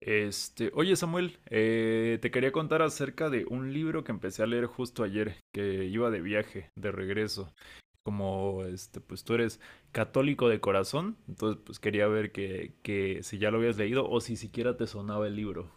Oye Samuel, te quería contar acerca de un libro que empecé a leer justo ayer, que iba de viaje, de regreso. Como pues tú eres católico de corazón, entonces pues quería ver que si ya lo habías leído o si siquiera te sonaba el libro.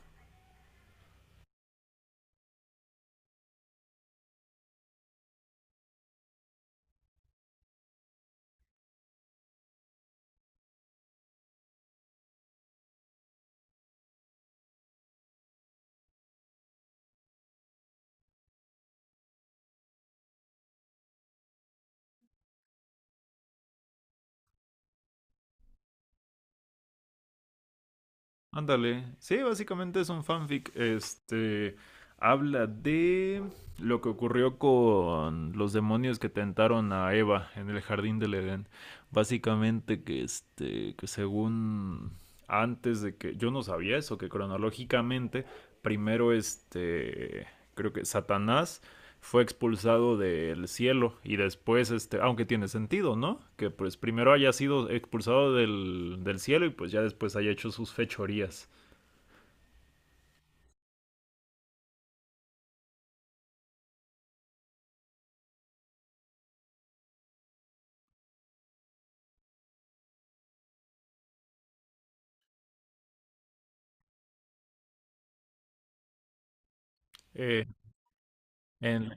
Ándale. Sí, básicamente es un fanfic. Habla de lo que ocurrió con los demonios que tentaron a Eva en el jardín del Edén. Básicamente que que según antes de que yo no sabía eso, que cronológicamente primero creo que Satanás fue expulsado del cielo y después, aunque tiene sentido, ¿no? Que pues primero haya sido expulsado del cielo y pues ya después haya hecho sus fechorías. Eh, ¿en,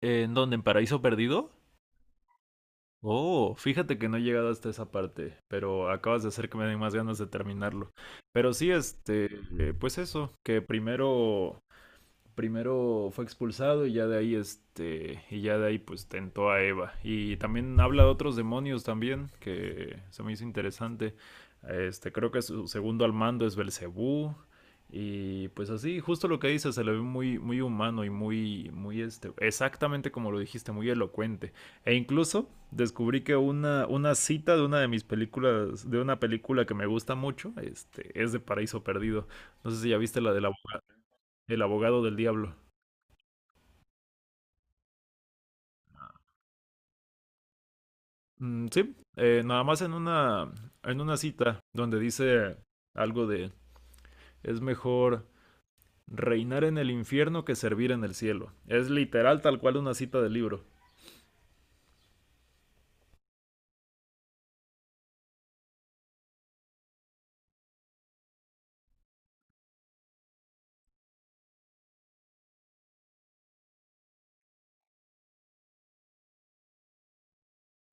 ¿En dónde? ¿En Paraíso Perdido? Oh, fíjate que no he llegado hasta esa parte, pero acabas de hacer que me den más ganas de terminarlo. Pero sí, pues eso, que primero fue expulsado y ya de ahí pues tentó a Eva, y también habla de otros demonios también que se me hizo interesante. Creo que su segundo al mando es Belcebú, y pues así, justo lo que dice, se le ve muy muy humano y muy muy exactamente como lo dijiste, muy elocuente. E incluso descubrí que una cita de una de mis películas de una película que me gusta mucho es de Paraíso Perdido. No sé si ya viste el abogado del diablo. Mm, sí, nada más en una cita donde dice algo de es mejor reinar en el infierno que servir en el cielo. Es literal tal cual una cita del libro.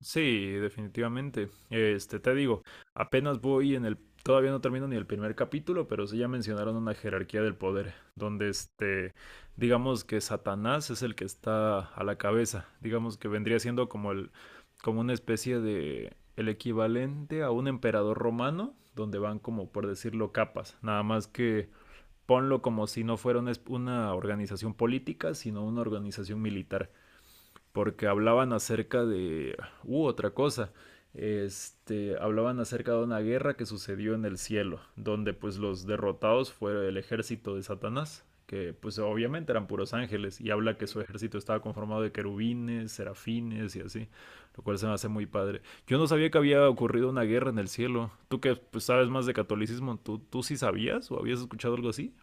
Sí, definitivamente. Te digo, apenas voy todavía no termino ni el primer capítulo, pero sí ya mencionaron una jerarquía del poder, donde digamos que Satanás es el que está a la cabeza, digamos que vendría siendo como como una especie de el equivalente a un emperador romano, donde van como por decirlo capas, nada más que ponlo como si no fuera una organización política, sino una organización militar, porque hablaban acerca de... otra cosa. Hablaban acerca de una guerra que sucedió en el cielo, donde pues los derrotados fue el ejército de Satanás, que pues obviamente eran puros ángeles, y habla que su ejército estaba conformado de querubines, serafines y así, lo cual se me hace muy padre. Yo no sabía que había ocurrido una guerra en el cielo. Tú que pues sabes más de catolicismo, ¿tú sí sabías o habías escuchado algo así?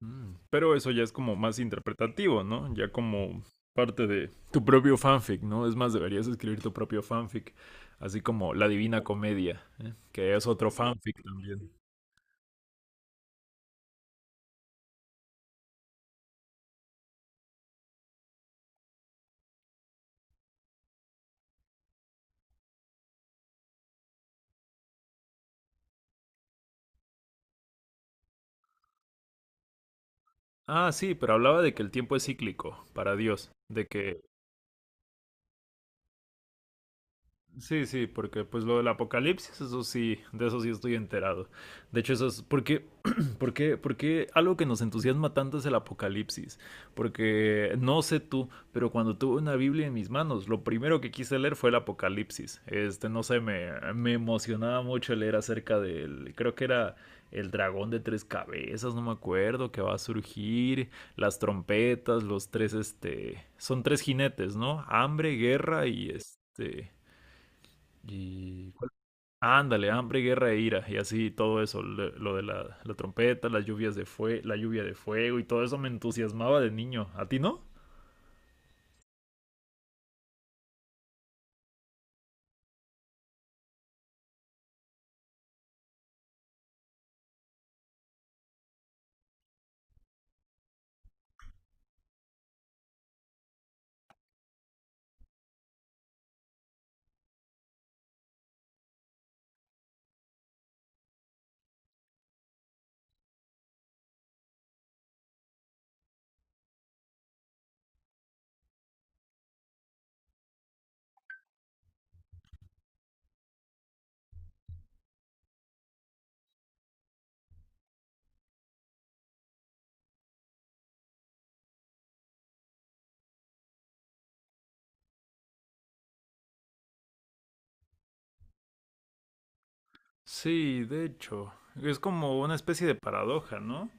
Mm. Pero eso ya es como más interpretativo, ¿no? Ya como parte de tu propio fanfic, ¿no? Es más, deberías escribir tu propio fanfic, así como La Divina Comedia, ¿eh? Que es otro fanfic también. Ah, sí, pero hablaba de que el tiempo es cíclico para Dios, de que... Sí, sí, porque pues lo del apocalipsis, eso sí, de eso sí estoy enterado. De hecho, eso es porque, porque algo que nos entusiasma tanto es el apocalipsis. Porque no sé tú, pero cuando tuve una Biblia en mis manos, lo primero que quise leer fue el apocalipsis. No sé, me emocionaba mucho leer acerca creo que era el dragón de tres cabezas, no me acuerdo, que va a surgir, las trompetas, son tres jinetes, ¿no? Hambre, guerra y Y... ¿cuál? Ándale, hambre, guerra e ira, y así todo eso, lo de la trompeta, las lluvias de fue, la lluvia de fuego y todo eso me entusiasmaba de niño. ¿A ti no? Sí, de hecho, es como una especie de paradoja, ¿no?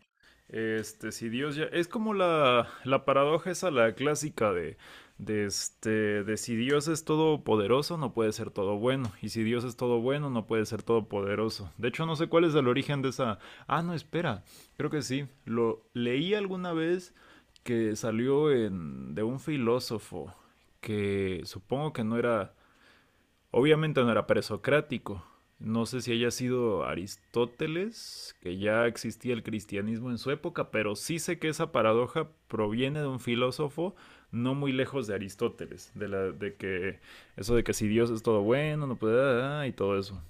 Si Dios ya... Es como la paradoja esa, la clásica de, si Dios es todopoderoso, no puede ser todo bueno. Y si Dios es todo bueno, no puede ser todopoderoso. De hecho, no sé cuál es el origen de esa... Ah, no, espera. Creo que sí. Lo leí alguna vez que salió en, de un filósofo que supongo que no era... Obviamente no era presocrático. No sé si haya sido Aristóteles, que ya existía el cristianismo en su época, pero sí sé que esa paradoja proviene de un filósofo no muy lejos de Aristóteles, de que eso de que si Dios es todo bueno, no puede, y todo eso.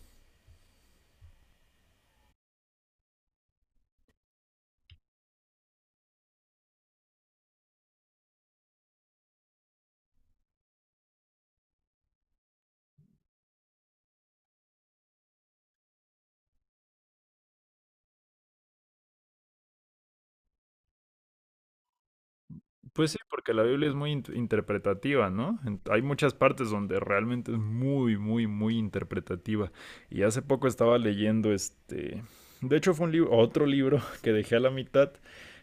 Pues sí, porque la Biblia es muy interpretativa, ¿no? Hay muchas partes donde realmente es muy, muy, muy interpretativa. Y hace poco estaba leyendo de hecho fue otro libro que dejé a la mitad,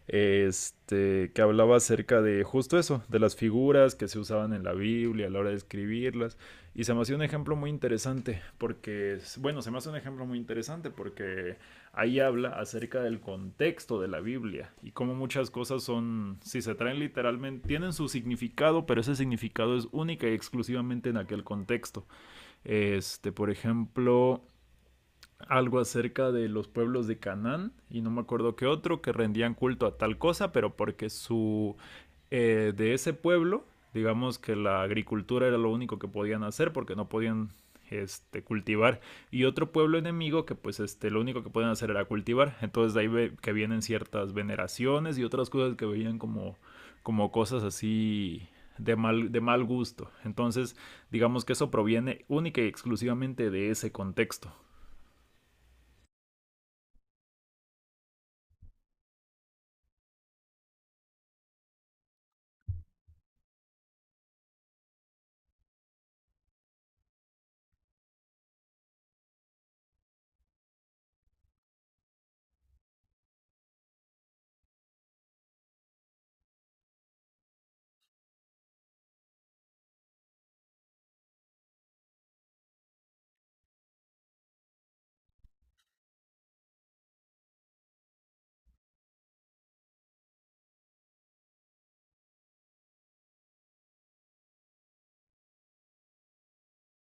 que hablaba acerca de justo eso, de las figuras que se usaban en la Biblia a la hora de escribirlas. Y se me hacía un ejemplo muy interesante, bueno, se me hace un ejemplo muy interesante porque ahí habla acerca del contexto de la Biblia y cómo muchas cosas son, si se traen literalmente, tienen su significado, pero ese significado es única y exclusivamente en aquel contexto. Por ejemplo, algo acerca de los pueblos de Canaán y no me acuerdo qué otro que rendían culto a tal cosa, pero porque su de ese pueblo, digamos que la agricultura era lo único que podían hacer porque no podían cultivar, y otro pueblo enemigo que pues lo único que podían hacer era cultivar, entonces de ahí ve que vienen ciertas veneraciones y otras cosas que veían como como cosas así de mal gusto. Entonces, digamos que eso proviene única y exclusivamente de ese contexto.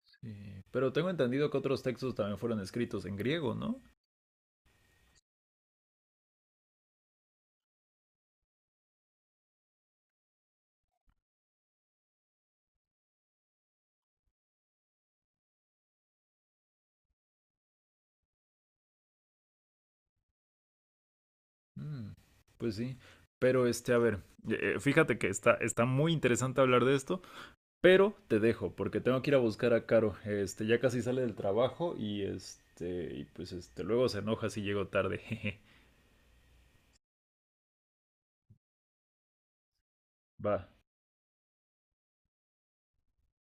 Sí, pero tengo entendido que otros textos también fueron escritos en griego, ¿no? Mm, pues sí. Pero a ver, fíjate que está muy interesante hablar de esto, pero te dejo porque tengo que ir a buscar a Caro. Ya casi sale del trabajo y y pues luego se enoja si llego tarde. Jeje. Va.